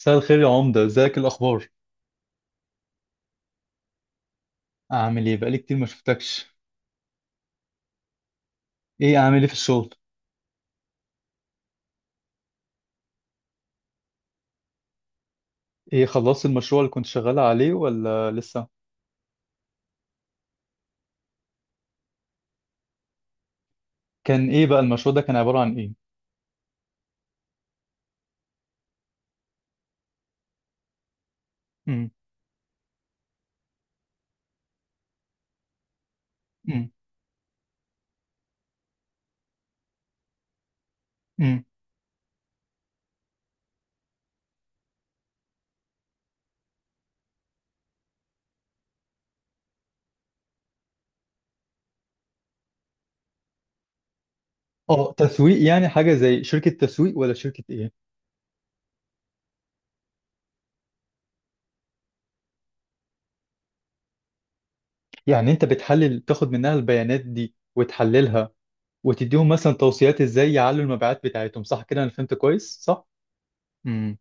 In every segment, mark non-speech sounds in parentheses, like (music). مساء الخير يا عمدة، ازيك؟ الاخبار؟ اعمل ايه؟ بقالي كتير ما شفتكش. ايه، اعمل ايه في الشغل؟ ايه، خلصت المشروع اللي كنت شغال عليه ولا لسه؟ كان ايه بقى المشروع ده؟ كان عبارة عن ايه؟ امم، امم، امم. اه، تسويق يعني حاجة زي شركة تسويق ولا شركة ايه؟ يعني انت بتحلل، تاخد منها البيانات دي وتحللها، وتديهم مثلا توصيات ازاي يعلوا المبيعات بتاعتهم، صح كده؟ انا فهمت كويس، صح؟ امم.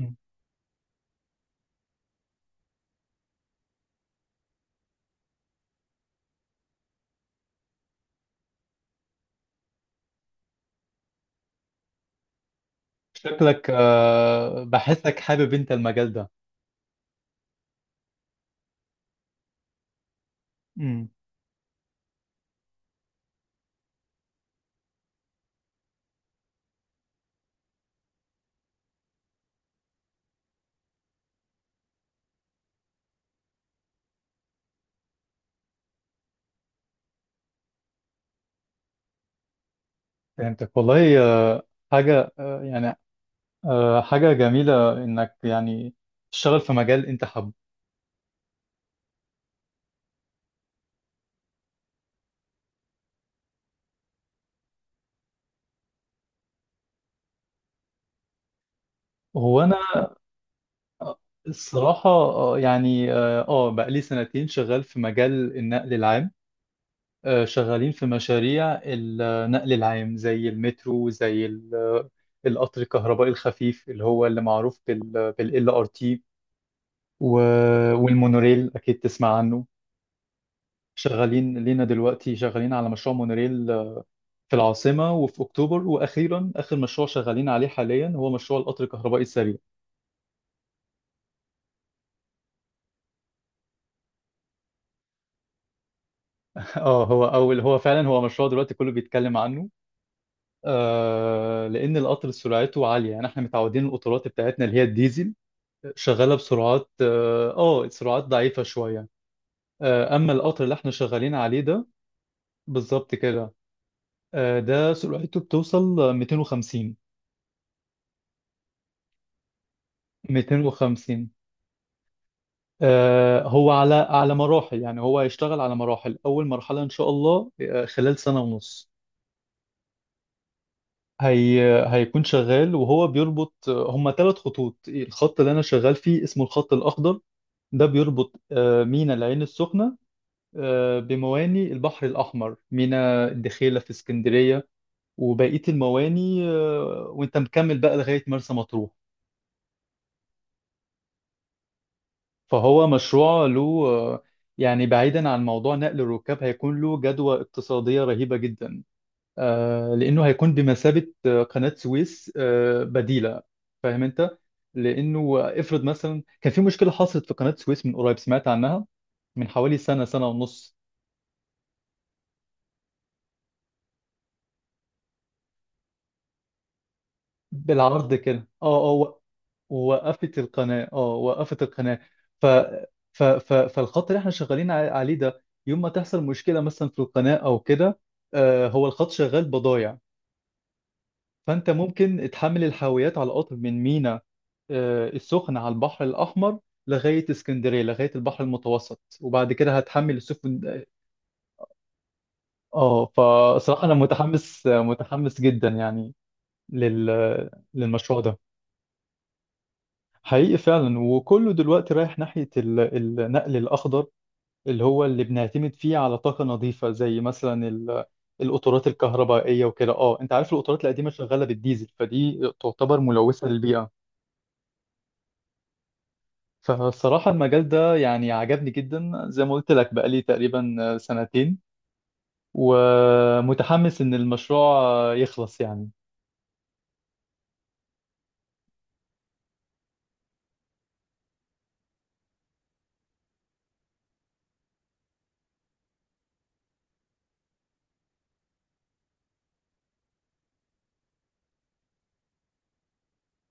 أمم. شكلك، بحسك حابب انت المجال ده. فهمتك والله. حاجة، يعني، حاجة جميلة إنك يعني تشتغل في مجال أنت حابه. هو أنا آه، الصراحة، يعني، بقالي سنتين شغال في مجال النقل العام. شغالين في مشاريع النقل العام زي المترو، زي القطر الكهربائي الخفيف اللي هو اللي معروف بال LRT، والمونوريل أكيد تسمع عنه. شغالين لينا دلوقتي، شغالين على مشروع مونوريل في العاصمة وفي أكتوبر، وأخيرا آخر مشروع شغالين عليه حاليا هو مشروع القطر الكهربائي السريع. (laughs) اه، هو أول هو فعلا هو مشروع دلوقتي كله بيتكلم عنه. لأن القطر سرعته عالية، يعني احنا متعودين القطارات بتاعتنا اللي هي الديزل، شغالة بسرعات سرعات ضعيفة شوية. أما القطر اللي احنا شغالين عليه ده، بالظبط كده. ده سرعته بتوصل 250. 250، هو على مراحل، يعني هو هيشتغل على مراحل. أول مرحلة إن شاء الله، خلال سنة ونص هي هيكون شغال، وهو بيربط، هما 3 خطوط. الخط اللي أنا شغال فيه اسمه الخط الأخضر، ده بيربط ميناء العين السخنة بمواني البحر الأحمر، ميناء الدخيلة في اسكندرية، وبقية المواني، وأنت مكمل بقى لغاية مرسى مطروح. فهو مشروع له، يعني بعيدا عن موضوع نقل الركاب، هيكون له جدوى اقتصادية رهيبة جدا، لأنه هيكون بمثابة قناة سويس بديلة. فاهم أنت؟ لأنه افرض مثلا كان في مشكلة حصلت في قناة سويس من قريب، سمعت عنها. من حوالي سنة، سنة ونص. بالعرض كده، وقفت القناة، اه، وقفت القناة. ف... فالخط اللي احنا شغالين عليه ده، يوم ما تحصل مشكلة مثلا في القناة أو كده، هو الخط شغال بضايع. فأنت ممكن تحمل الحاويات على القطر من مينا، السخنة، على البحر الأحمر لغاية اسكندرية، لغاية البحر المتوسط، وبعد كده هتحمل السفن. اه، فصراحة أنا متحمس، متحمس جدا يعني لل... للمشروع ده. حقيقي فعلا. وكله دلوقتي رايح ناحية النقل الأخضر، اللي هو اللي بنعتمد فيه على طاقة نظيفة، زي مثلا القطارات الكهربائية وكده. اه، انت عارف القطارات القديمة شغالة بالديزل، فدي تعتبر ملوثة للبيئة. فالصراحة المجال ده يعني عجبني جدا، زي ما قلت لك بقالي تقريبا سنتين، ومتحمس إن المشروع يخلص يعني.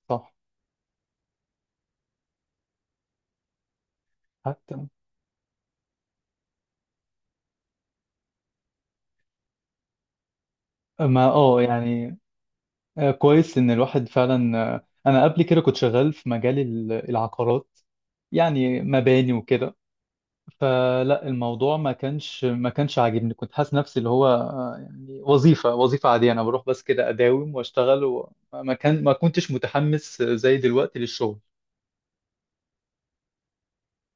صح. حتى. ما، يعني، كويس إن الواحد فعلا. أنا قبل كده كنت شغال في مجال العقارات، يعني مباني وكده. فلا الموضوع ما كانش عاجبني. كنت حاسس نفسي اللي هو، يعني وظيفة، وظيفة عادية، أنا بروح بس كده أداوم وأشتغل. وما كان ما كنتش متحمس زي دلوقتي للشغل.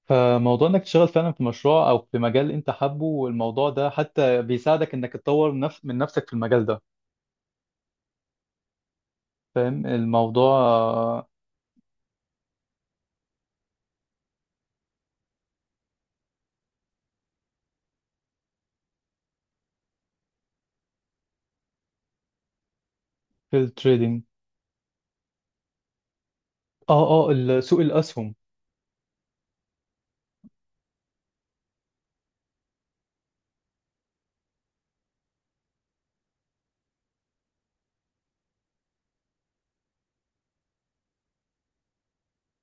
فموضوع انك تشتغل فعلا في مشروع او في مجال انت حابه، والموضوع ده حتى بيساعدك انك تطور نفس من نفسك في المجال ده. فاهم الموضوع؟ في التريدينج. اه سوق الاسهم.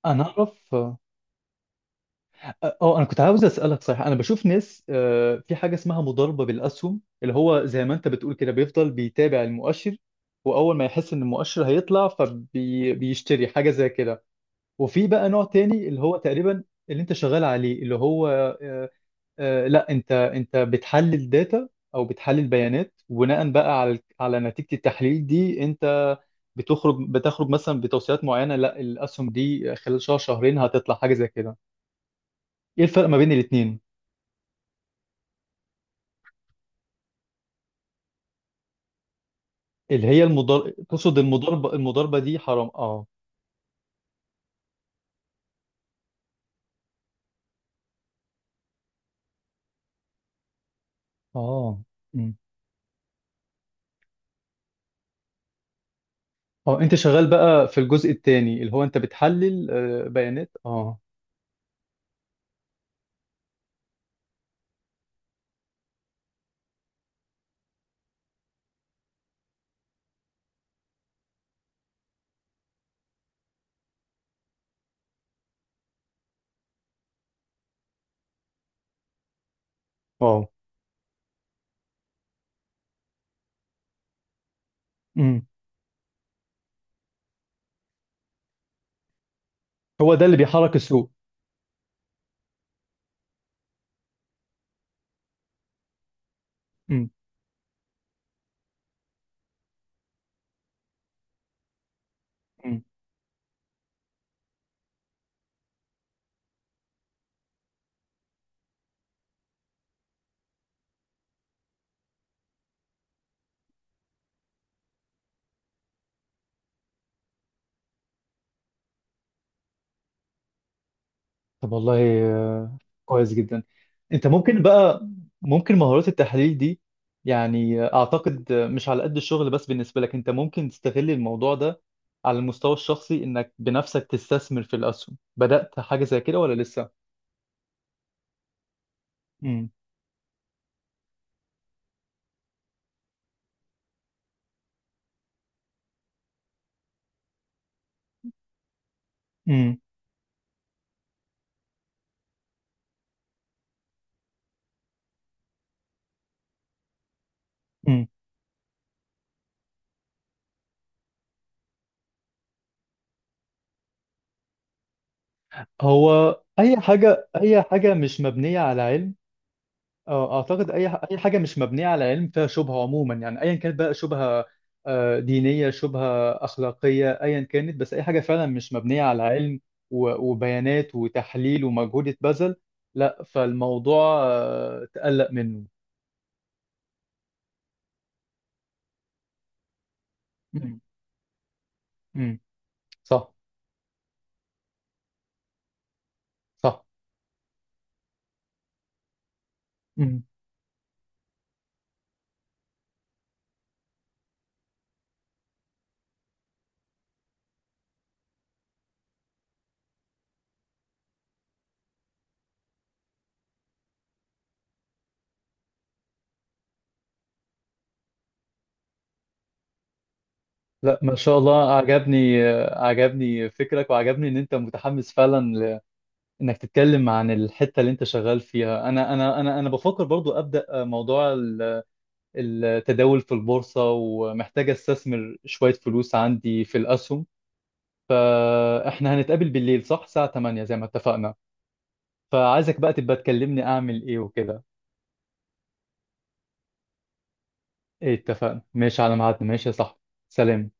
انا اعرف. اه، انا كنت عاوز اسالك، صحيح انا بشوف ناس في حاجه اسمها مضاربه بالاسهم، اللي هو زي ما انت بتقول كده، بيفضل بيتابع المؤشر، واول ما يحس ان المؤشر هيطلع فبيشتري حاجه زي كده. وفي بقى نوع تاني، اللي هو تقريبا اللي انت شغال عليه، اللي هو، آه، لا، انت بتحلل داتا او بتحلل بيانات، وبناء بقى على نتيجة التحليل دي، انت بتخرج مثلا بتوصيات معينة، لا الاسهم دي خلال شهر، شهرين هتطلع حاجة زي كده. ايه الفرق ما بين الاتنين؟ اللي هي المضار، تقصد المضاربة دي حرام، اه. اه. أمم. اه انت شغال بقى في الجزء التاني اللي هو انت بتحلل بيانات، اه. اه. أمم. هو ده اللي بيحرك السوق. أمم. أمم. طب والله، كويس جدا. انت ممكن بقى، ممكن مهارات التحليل دي، يعني اعتقد، مش على قد الشغل بس، بالنسبة لك انت ممكن تستغل الموضوع ده على المستوى الشخصي، انك بنفسك تستثمر في الاسهم. بدأت حاجة زي كده ولا لسه؟ امم. امم. هو اي حاجة، اي حاجة مش مبنية على علم. اعتقد اي حاجه مش مبنيه على علم فيها شبهه، عموما يعني ايا كانت بقى شبهه، دينيه، شبهه اخلاقيه، ايا كانت، بس اي حاجه فعلا مش مبنيه على علم وبيانات وتحليل ومجهود اتبذل، لا، فالموضوع تقلق منه. مم. امم. صح. صح. مم. لا، ما شاء الله، عجبني، عجبني فكرك، وعجبني ان انت متحمس فعلا انك تتكلم عن الحته اللي انت شغال فيها. انا بفكر برضو ابدا موضوع التداول في البورصة، ومحتاج استثمر شوية فلوس عندي في الأسهم. فاحنا هنتقابل بالليل، صح؟ الساعة 8، زي ما اتفقنا. فعايزك بقى تبقى تكلمني أعمل إيه وكده. إيه، اتفقنا. ماشي على ميعادنا. ماشي يا صاحبي. سلام.